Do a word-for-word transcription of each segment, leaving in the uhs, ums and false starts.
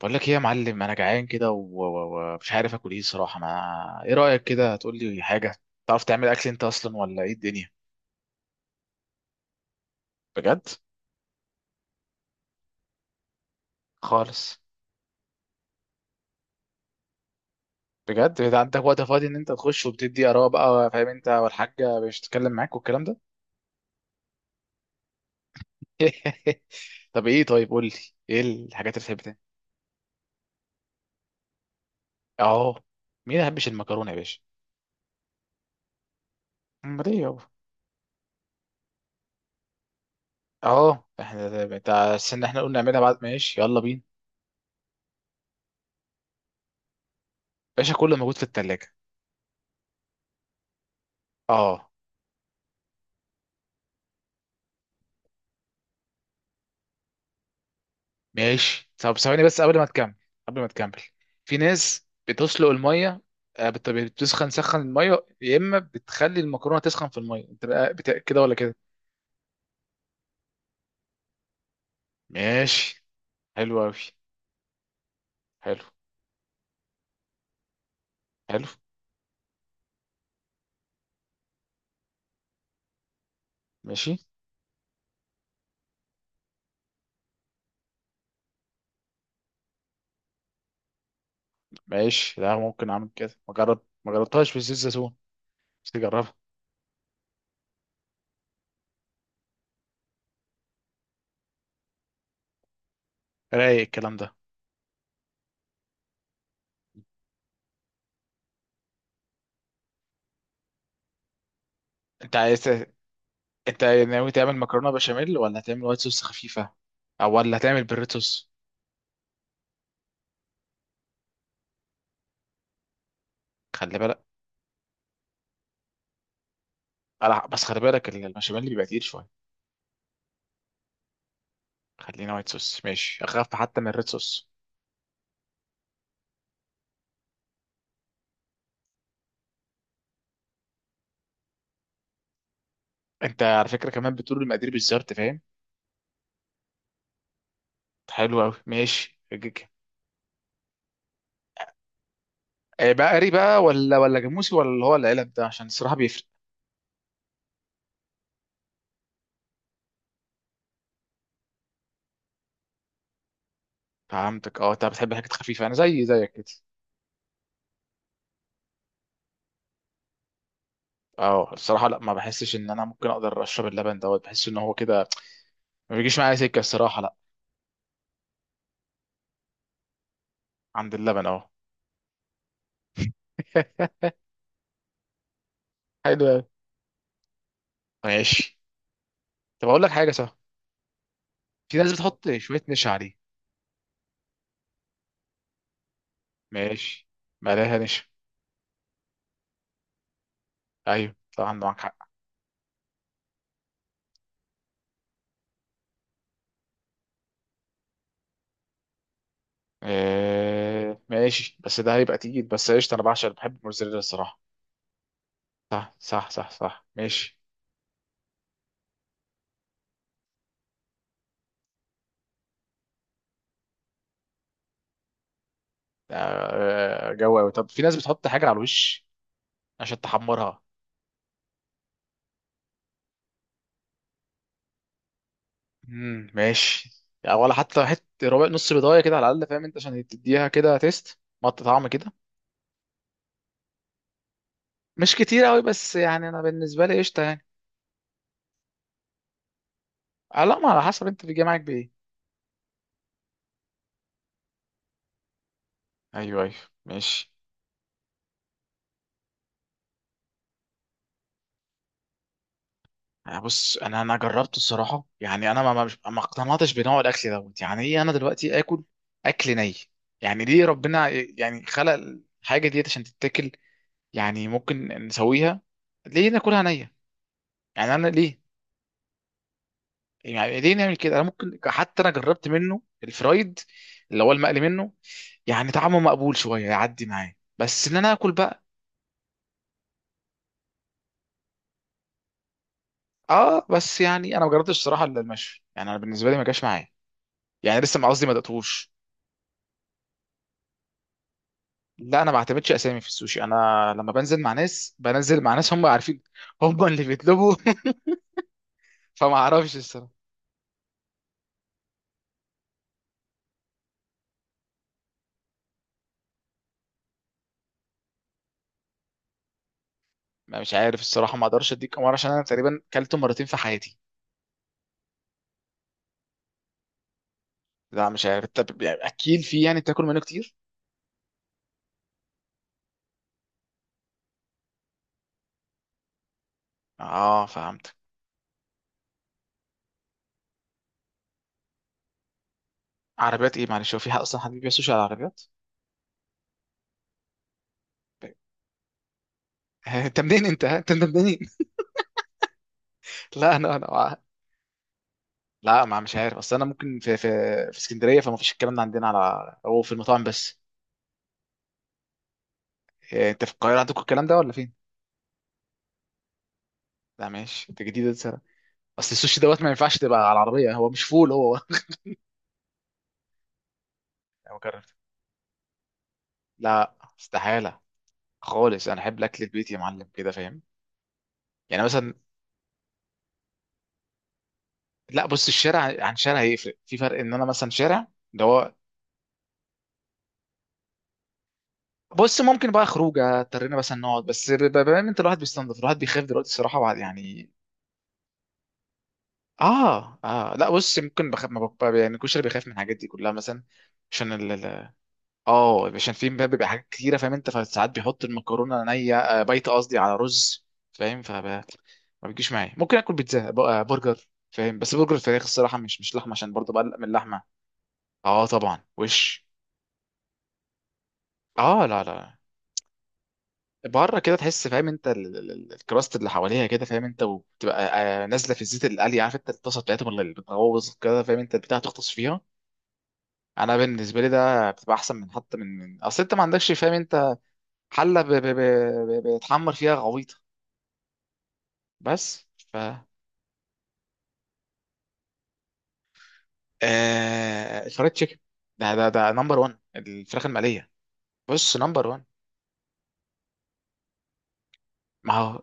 بقول لك ايه يا معلم؟ انا جعان كده و- و- ومش عارف اكل ايه صراحه. ما ايه رايك كده؟ هتقول لي حاجه تعرف تعمل اكل انت اصلا، ولا ايه الدنيا؟ بجد؟ خالص؟ بجد ده عندك وقت فاضي ان انت تخش وبتدي اراء بقى، فاهم انت؟ والحاجه مش تتكلم معاك والكلام ده. طب ايه؟ طيب قول لي، ايه الحاجات اللي بتحب تعمل؟ اه. مين ما يحبش المكرونه يا باشا؟ امال ايه يابا؟ اه احنا ده- ده- ده- استنى احنا قلنا نعملها بعد، ماشي؟ يلا بينا. باشا كله موجود في التلاجة. اه ماشي. طب ثواني بس، قبل ما تكمل. قبل ما تكمل، في ناس بتسلق الميه. آه، بت- بتسخن سخن الميه، يا اما بتخلي المكرونه تسخن في الميه. انت بقى بت... كده ولا كده؟ ماشي. حلو قوي. حلو. حلو. ماشي. ماشي. لا، ممكن اعمل كده، ما جرب ما جربتهاش في الزيت زيتون، بس تجربها. رايق الكلام ده. انت عايز، انت ناوي تعمل مكرونه بشاميل، ولا هتعمل وايت صوص خفيفه، او ولا هتعمل بريتوس؟ خلي بالك. أنا- بس خلي بالك، المشاميل اللي بيبقى تقيل شويه. خلينا وايت صوص، ماشي، اخاف حتى من الريد صوص. انت على فكره كمان بتقول المقادير بالظبط، فاهم؟ حلو قوي، ماشي جيجا. آه، بقري بقى ولا ولا جاموسي، ولا اللي هو العلب ده؟ عشان الصراحه بيفرق. فهمتك. اه انت بتحب الحاجات الخفيفه، انا زي زيك كده. اه الصراحه لا، ما بحسش ان انا ممكن اقدر اشرب اللبن دوت، بحس ان هو كده ما بيجيش معايا سكه، الصراحه لا. عند اللبن اه. حلو قوي ماشي. طب اقول لك حاجه صح؟ في ناس بتحط شويه نشا عليه. ماشي. مالها نشا؟ ايوه طبعا، معاك حق. آه ماشي، بس ده هيبقى تقيل، بس قشطة. أنا بعشق، بحب الموزاريلا الصراحة. صح صح صح صح. ماشي. آه جو أوي. طب في ناس بتحط حاجة على الوش عشان تحمرها. امم ماشي يعني، ولا حتى حتة ربع نص بيضاية كده على الأقل، فاهم أنت؟ عشان تديها كده تيست، مط طعم كده. مش كتير أوي، بس يعني أنا بالنسبة لي قشطة يعني. آه، لا، ما على حسب أنت بيجي معاك بإيه. أيوه أيوه ماشي. آه، بص انا انا جربته الصراحه، يعني انا ما ما- مش ما اقتنعتش بنوع الاكل دوت. يعني ايه انا دلوقتي اكل، اكل ني؟ يعني ليه ربنا ي- يعني خلق الحاجه ديت عشان تتاكل، يعني ممكن نسويها، ليه ناكلها نيه؟ يعني انا ليه؟ يعني ليه نعمل كده؟ انا ممكن حتى انا جربت منه الفرايد، اللي هو المقلي منه، يعني طعمه مقبول شويه، يعدي معايا، بس ان انا اكل بقى. اه، بس يعني انا ما جربتش الصراحه الا المشوي، يعني انا بالنسبه لي ما جاش معايا. يعني لسه، ما قصدي، ما دقتوش. لا انا ما بعتمدش اسامي في السوشي. انا لما بنزل مع ناس، بنزل مع ناس هم عارفين، هم اللي بيطلبوا. فما اعرفش الصراحه. ما مش عارف الصراحه، ما اقدرش اديك امر، عشان انا تقريبا كلته مرتين في حياتي. لا مش عارف. طب يعني اكيل فيه؟ يعني بتاكل منه كتير؟ اه فهمت. عربيات ايه معلش؟ هو فيها اصلا حد بيبيع سوشي على العربيات؟ انت منين انت؟ ها؟ انت منين؟ لا انا انا آه. لا، ما مش عارف. اصل انا ممكن في في في اسكندريه فما فيش الكلام ده عندنا، على هو في المطاعم بس. إيه، انت في القاهره عندكم الكلام ده ولا فين؟ لا ماشي، انت جديد. اصل السوشي دوت ما ينفعش تبقى على العربيه، هو مش فول هو. انا مكرر. لا، استحاله خالص. انا احب الاكل البيت يا معلم كده، فاهم؟ يعني مثلا، لا بص، الشارع عن شارع هيفرق في فرق، ان انا مثلا شارع ده هو. بص ممكن بقى خروجه اضطرينا مثلا نقعد بس، ب- ب- بما ان انت الواحد بيستنضف، الواحد بيخاف دلوقتي الصراحه بعد يعني. اه اه لا بص، ممكن بخاف، ما بخ... يعني الكشري بيخاف من الحاجات دي كلها مثلا، عشان. اه، عشان في بقى، بيبقى حاجات كتيره، فاهم انت؟ فساعات بيحط المكرونه نيه، آه، بايته، قصدي، على رز. فاهم؟ فب... ما بيجيش معايا. ممكن اكل بيتزا ب- آه، برجر، فاهم؟ بس برجر فراخ الصراحه، مش مش لحمه، عشان برضه بقلق من اللحمه. اه طبعا وش. اه لا لا. بره كده تحس، فاهم انت؟ ال- ال- ال- الكراست اللي حواليها كده، فاهم انت؟ وبتبقى آه، نازله في الزيت اللي قلي، عارف انت الطاسه بتاعتهم اللي بتغوص كده، فاهم انت؟ البتاع تغطس فيها. انا بالنسبه لي ده بتبقى احسن، من حتى من من اصل انت ما عندكش، فاهم انت، حله ب- ب- ب- ب- بتحمر فيها غويطه. بس. ف آه... الفرايد تشيكن. ده ده ده نمبر واحد، الفراخ المقليه. بص، نمبر واحد. ما هو،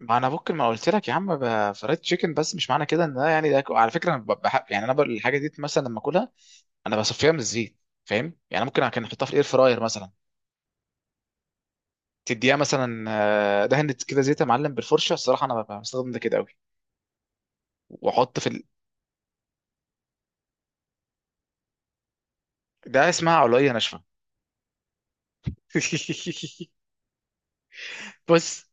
ما انا ممكن ما قلت لك يا عم، ب- فرايد تشيكن. بس مش معنى كده ان ده يعني، ده على فكره انا بحب يعني، انا ب- الحاجه دي مثلا لما اكلها انا بصفيها من الزيت، فاهم يعني؟ ممكن كان احطها في الاير فراير مثلا، تديها مثلا آه، دهنة كده زيت يا معلم بالفرشه الصراحه، انا ب- بستخدم ده كده قوي. واحط في ال... ده اسمها علويه ناشفه. بص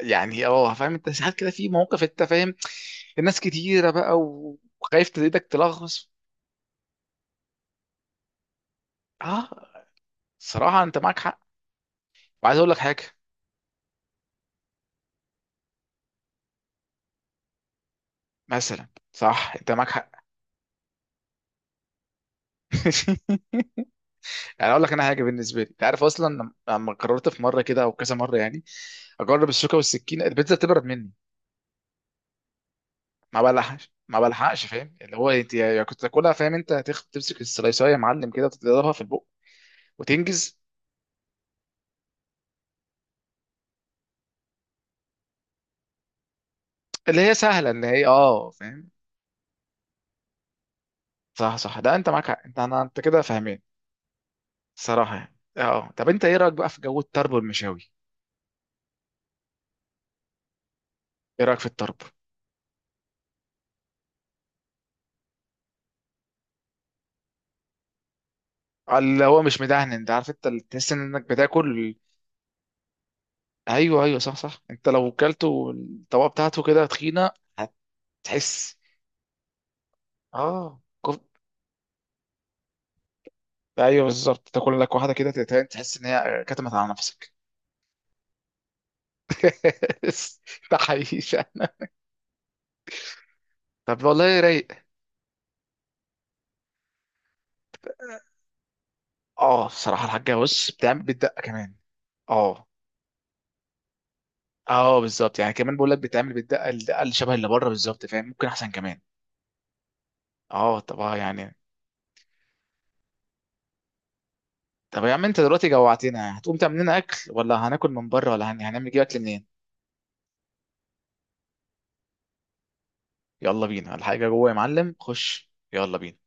يعني، اه فاهم انت؟ ساعات كده في مواقف، انت فاهم، الناس كتيره بقى، وخايف تديدك تلغص. اه صراحه انت معاك حق. وعايز اقول لك حاجه، مثلا صح، انت معاك حق. يعني اقول لك انا حاجه، بالنسبه لي انت عارف اصلا، لما لما قررت في مره كده او كذا مره، يعني اجرب الشوكه والسكينه، البيتزا بتبرد مني. ما بلحقش ما بلحقش، فاهم؟ اللي هو انت يا كنت تاكلها، فاهم انت؟ هتخ- تمسك السلايسايه يا معلم كده، تضربها في البق وتنجز. اللي هي سهله، اللي هي اه فاهم. صح صح، ده انت معاك حق. انت انا انت كده فاهمين. الصراحه يعني. اه طب انت ايه رايك بقى في جو الطرب والمشاوي؟ ايه رايك في الطرب؟ اللي هو مش مدهن، انت عارف انت اللي تحس انك بتاكل. ايوه ايوه صح صح، انت لو كلته الطبقه بتاعته كده تخينه، هتحس. اه كف... ايوه بالظبط. تاكل لك واحده كده تتهان، تحس ان هي كتمت على نفسك. ده حقيقي فعلا. طب والله رايق. اه بصراحه الحاجه بص بتعمل بتدقق كمان. اه اه بالظبط. يعني كمان بقول لك بتعمل بالدقه الدقه اللي شبه اللي بره بالظبط، فاهم؟ ممكن احسن كمان. اه طب اه يعني. طب يا عم انت دلوقتي جوعتنا، هتقوم تعمل لنا اكل ولا هناكل من بره، ولا هن... هنعمل نجيب اكل منين؟ يلا بينا. الحاجه جوه يا معلم، خش، يلا بينا.